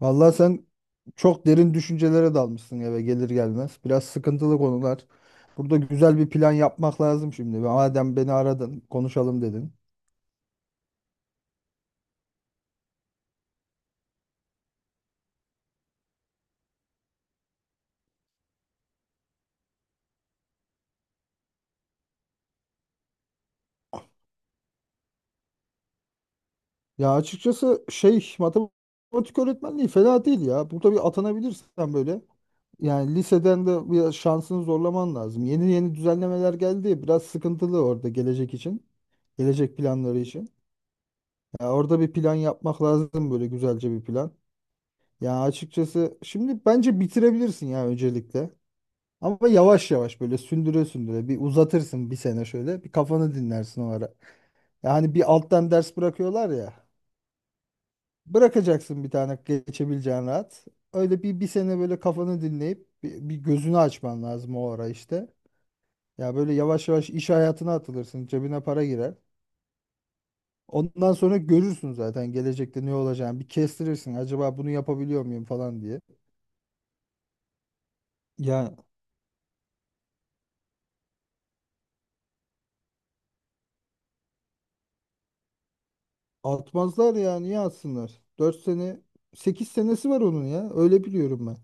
Vallahi sen çok derin düşüncelere dalmışsın eve gelir gelmez. Biraz sıkıntılı konular. Burada güzel bir plan yapmak lazım şimdi. Madem beni aradın, konuşalım dedin. Ya açıkçası şey matematik öğretmenliği fena değil ya. Burada bir atanabilirsen böyle. Yani liseden de bir şansını zorlaman lazım. Yeni yeni düzenlemeler geldi. Biraz sıkıntılı orada gelecek için. Gelecek planları için. Ya orada bir plan yapmak lazım böyle güzelce bir plan. Ya açıkçası şimdi bence bitirebilirsin ya öncelikle. Ama yavaş yavaş böyle sündüre sündüre bir uzatırsın bir sene şöyle bir kafanı dinlersin o ara. Yani bir alttan ders bırakıyorlar ya. Bırakacaksın bir tane geçebileceğin rahat. Öyle bir sene böyle kafanı dinleyip bir gözünü açman lazım o ara işte. Ya böyle yavaş yavaş iş hayatına atılırsın cebine para girer. Ondan sonra görürsün zaten gelecekte ne olacağını bir kestirirsin acaba bunu yapabiliyor muyum falan diye. Ya atmazlar ya niye atsınlar? 4 sene 8 senesi var onun ya öyle biliyorum ben.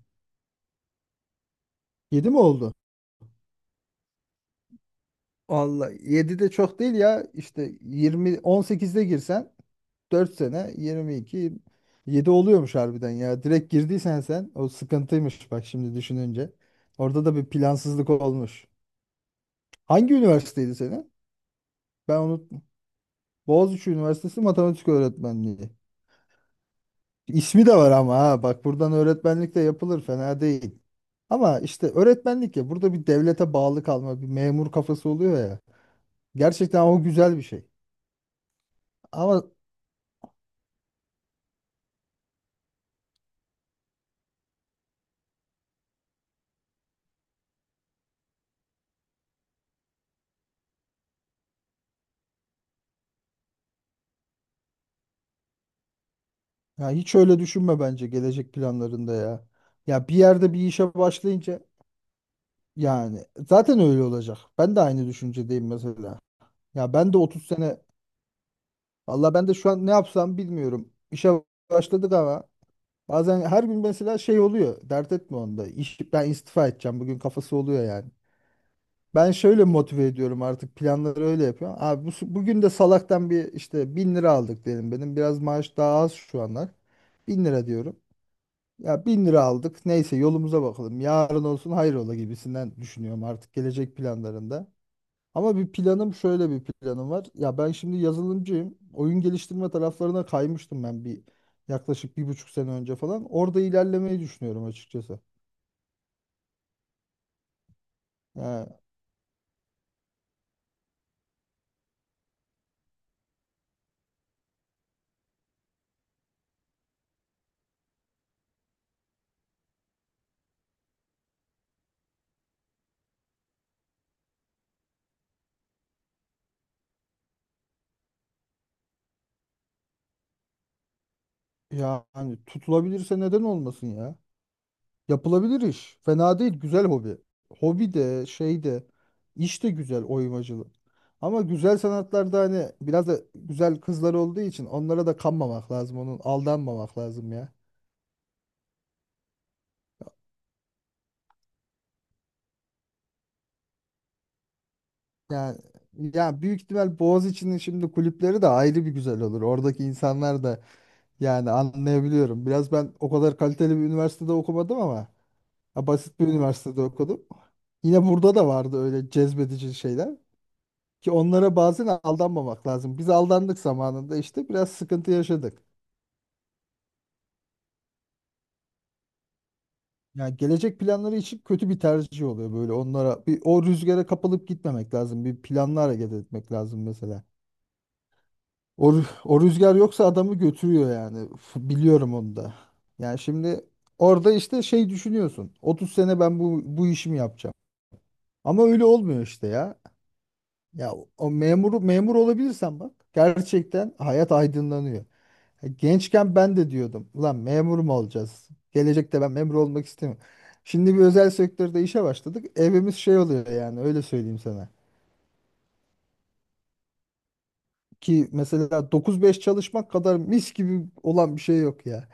7 mi oldu? Vallahi 7 de çok değil ya işte yirmi on sekizde girsen 4 sene 22, 7 oluyormuş harbiden ya. Direkt girdiysen sen o sıkıntıymış bak şimdi düşününce. Orada da bir plansızlık olmuş. Hangi üniversiteydi senin? Ben unuttum. Boğaziçi Üniversitesi Matematik Öğretmenliği. İsmi de var ama ha bak buradan öğretmenlik de yapılır fena değil. Ama işte öğretmenlik ya burada bir devlete bağlı kalma bir memur kafası oluyor ya. Gerçekten o güzel bir şey. Ama ya hiç öyle düşünme bence gelecek planlarında ya. Ya bir yerde bir işe başlayınca yani zaten öyle olacak. Ben de aynı düşüncedeyim mesela. Ya ben de 30 sene valla ben de şu an ne yapsam bilmiyorum. İşe başladık ama bazen her gün mesela şey oluyor. Dert etme onda. İş, ben istifa edeceğim bugün kafası oluyor yani. Ben şöyle motive ediyorum artık planları öyle yapıyorum. Abi bugün de salaktan bir işte bin lira aldık diyelim benim. Biraz maaş daha az şu anlar. Bin lira diyorum. Ya bin lira aldık. Neyse yolumuza bakalım. Yarın olsun hayrola gibisinden düşünüyorum artık gelecek planlarında. Ama bir planım şöyle bir planım var. Ya ben şimdi yazılımcıyım. Oyun geliştirme taraflarına kaymıştım ben bir yaklaşık 1,5 sene önce falan. Orada ilerlemeyi düşünüyorum açıkçası. Ya, yani tutulabilirse neden olmasın ya? Yapılabilir iş. Fena değil. Güzel hobi. Hobi de şey de iş de güzel oymacılık. Ama güzel sanatlarda hani biraz da güzel kızlar olduğu için onlara da kanmamak lazım. Onun aldanmamak lazım ya. Yani ya büyük ihtimal Boğaziçi'nin şimdi kulüpleri de ayrı bir güzel olur. Oradaki insanlar da yani anlayabiliyorum. Biraz ben o kadar kaliteli bir üniversitede okumadım ama ya basit bir üniversitede okudum. Yine burada da vardı öyle cezbedici şeyler. Ki onlara bazen aldanmamak lazım. Biz aldandık zamanında işte biraz sıkıntı yaşadık. Yani gelecek planları için kötü bir tercih oluyor böyle onlara. Bir, o rüzgara kapılıp gitmemek lazım. Bir planla hareket etmek lazım mesela. O rüzgar yoksa adamı götürüyor yani. Biliyorum onu da. Yani şimdi orada işte şey düşünüyorsun. 30 sene ben bu işimi yapacağım. Ama öyle olmuyor işte ya. Ya o memuru memur olabilirsen bak gerçekten hayat aydınlanıyor. Gençken ben de diyordum. Ulan memur mu olacağız? Gelecekte ben memur olmak istemiyorum. Şimdi bir özel sektörde işe başladık. Evimiz şey oluyor yani öyle söyleyeyim sana. Ki mesela 9-5 çalışmak kadar mis gibi olan bir şey yok ya.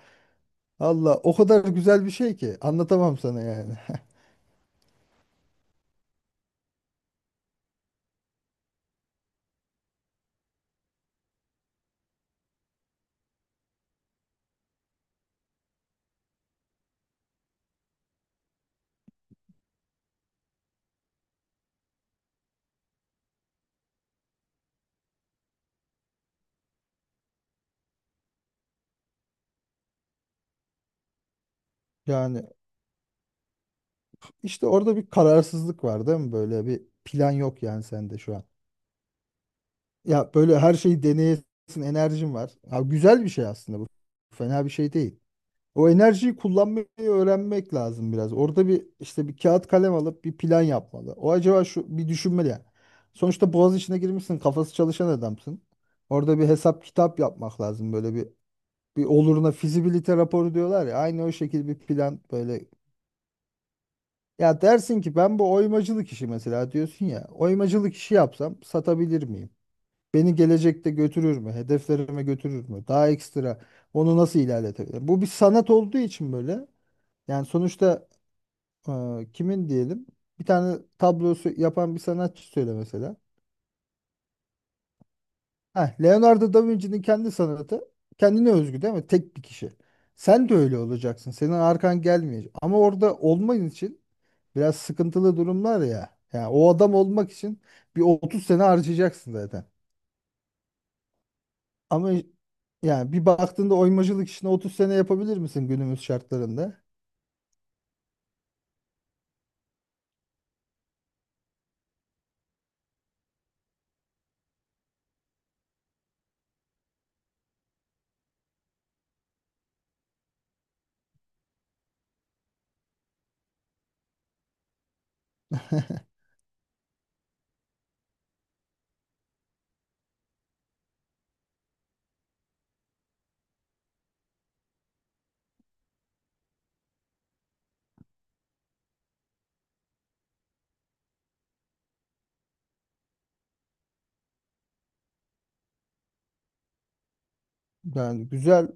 Allah o kadar güzel bir şey ki anlatamam sana yani. Yani işte orada bir kararsızlık var değil mi? Böyle bir plan yok yani sende şu an. Ya böyle her şeyi deneyesin, enerjin var. Ha, güzel bir şey aslında bu. Fena bir şey değil. O enerjiyi kullanmayı öğrenmek lazım biraz. Orada bir işte bir kağıt kalem alıp bir plan yapmalı. O acaba şu bir düşünmeli yani. Sonuçta boğaz içine girmişsin, kafası çalışan adamsın. Orada bir hesap kitap yapmak lazım. Böyle bir bir oluruna fizibilite raporu diyorlar ya. Aynı o şekilde bir plan böyle. Ya dersin ki ben bu oymacılık işi mesela diyorsun ya. Oymacılık işi yapsam satabilir miyim? Beni gelecekte götürür mü? Hedeflerime götürür mü? Daha ekstra onu nasıl ilerletebilirim? Bu bir sanat olduğu için böyle. Yani sonuçta e, kimin diyelim? Bir tane tablosu yapan bir sanatçı söyle mesela. Heh, Leonardo da Vinci'nin kendi sanatı kendine özgü değil mi? Tek bir kişi. Sen de öyle olacaksın. Senin arkan gelmeyecek. Ama orada olman için biraz sıkıntılı durumlar ya. Yani o adam olmak için bir 30 sene harcayacaksın zaten. Ama yani bir baktığında oymacılık işini 30 sene yapabilir misin günümüz şartlarında? Yani güzel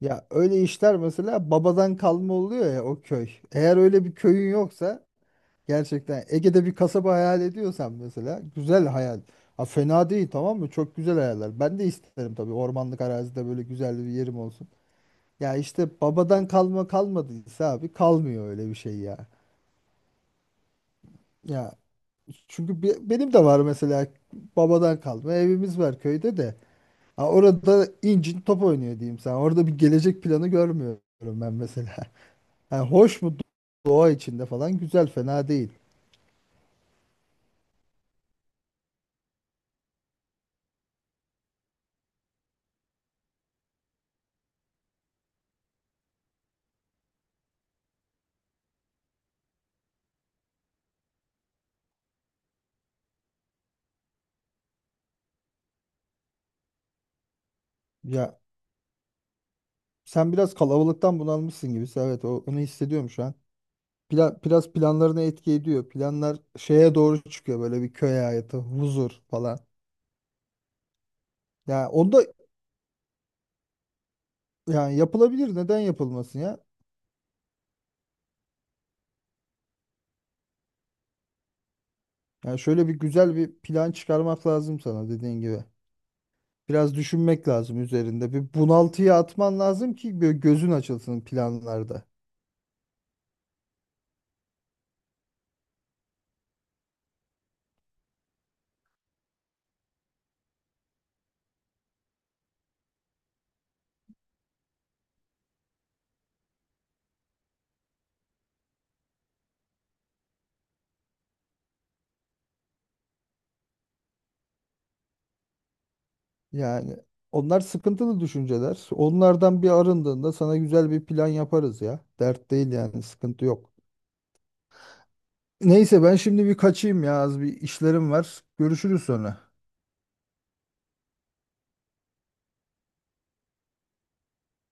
ya öyle işler mesela babadan kalma oluyor ya o köy. Eğer öyle bir köyün yoksa gerçekten Ege'de bir kasaba hayal ediyorsan mesela güzel hayal. Ha fena değil tamam mı? Çok güzel hayaller. Ben de isterim tabii ormanlık arazide böyle güzel bir yerim olsun. Ya işte babadan kalma kalmadıysa abi kalmıyor öyle bir şey ya. Ya çünkü benim de var mesela babadan kalma evimiz var köyde de. Ha, orada incin top oynuyor diyeyim sana. Orada bir gelecek planı görmüyorum ben mesela. Ha, hoş mu doğa içinde falan güzel fena değil. Ya sen biraz kalabalıktan bunalmışsın gibi. Evet onu hissediyorum şu an. Biraz planlarına etki ediyor. Planlar şeye doğru çıkıyor böyle bir köy hayatı, huzur falan. Ya onda yani yapılabilir neden yapılmasın ya? Yani şöyle bir güzel bir plan çıkarmak lazım sana dediğin gibi. Biraz düşünmek lazım üzerinde. Bir bunaltıya atman lazım ki böyle gözün açılsın planlarda. Yani onlar sıkıntılı düşünceler. Onlardan bir arındığında sana güzel bir plan yaparız ya. Dert değil yani sıkıntı yok. Neyse ben şimdi bir kaçayım ya az bir işlerim var. Görüşürüz sonra.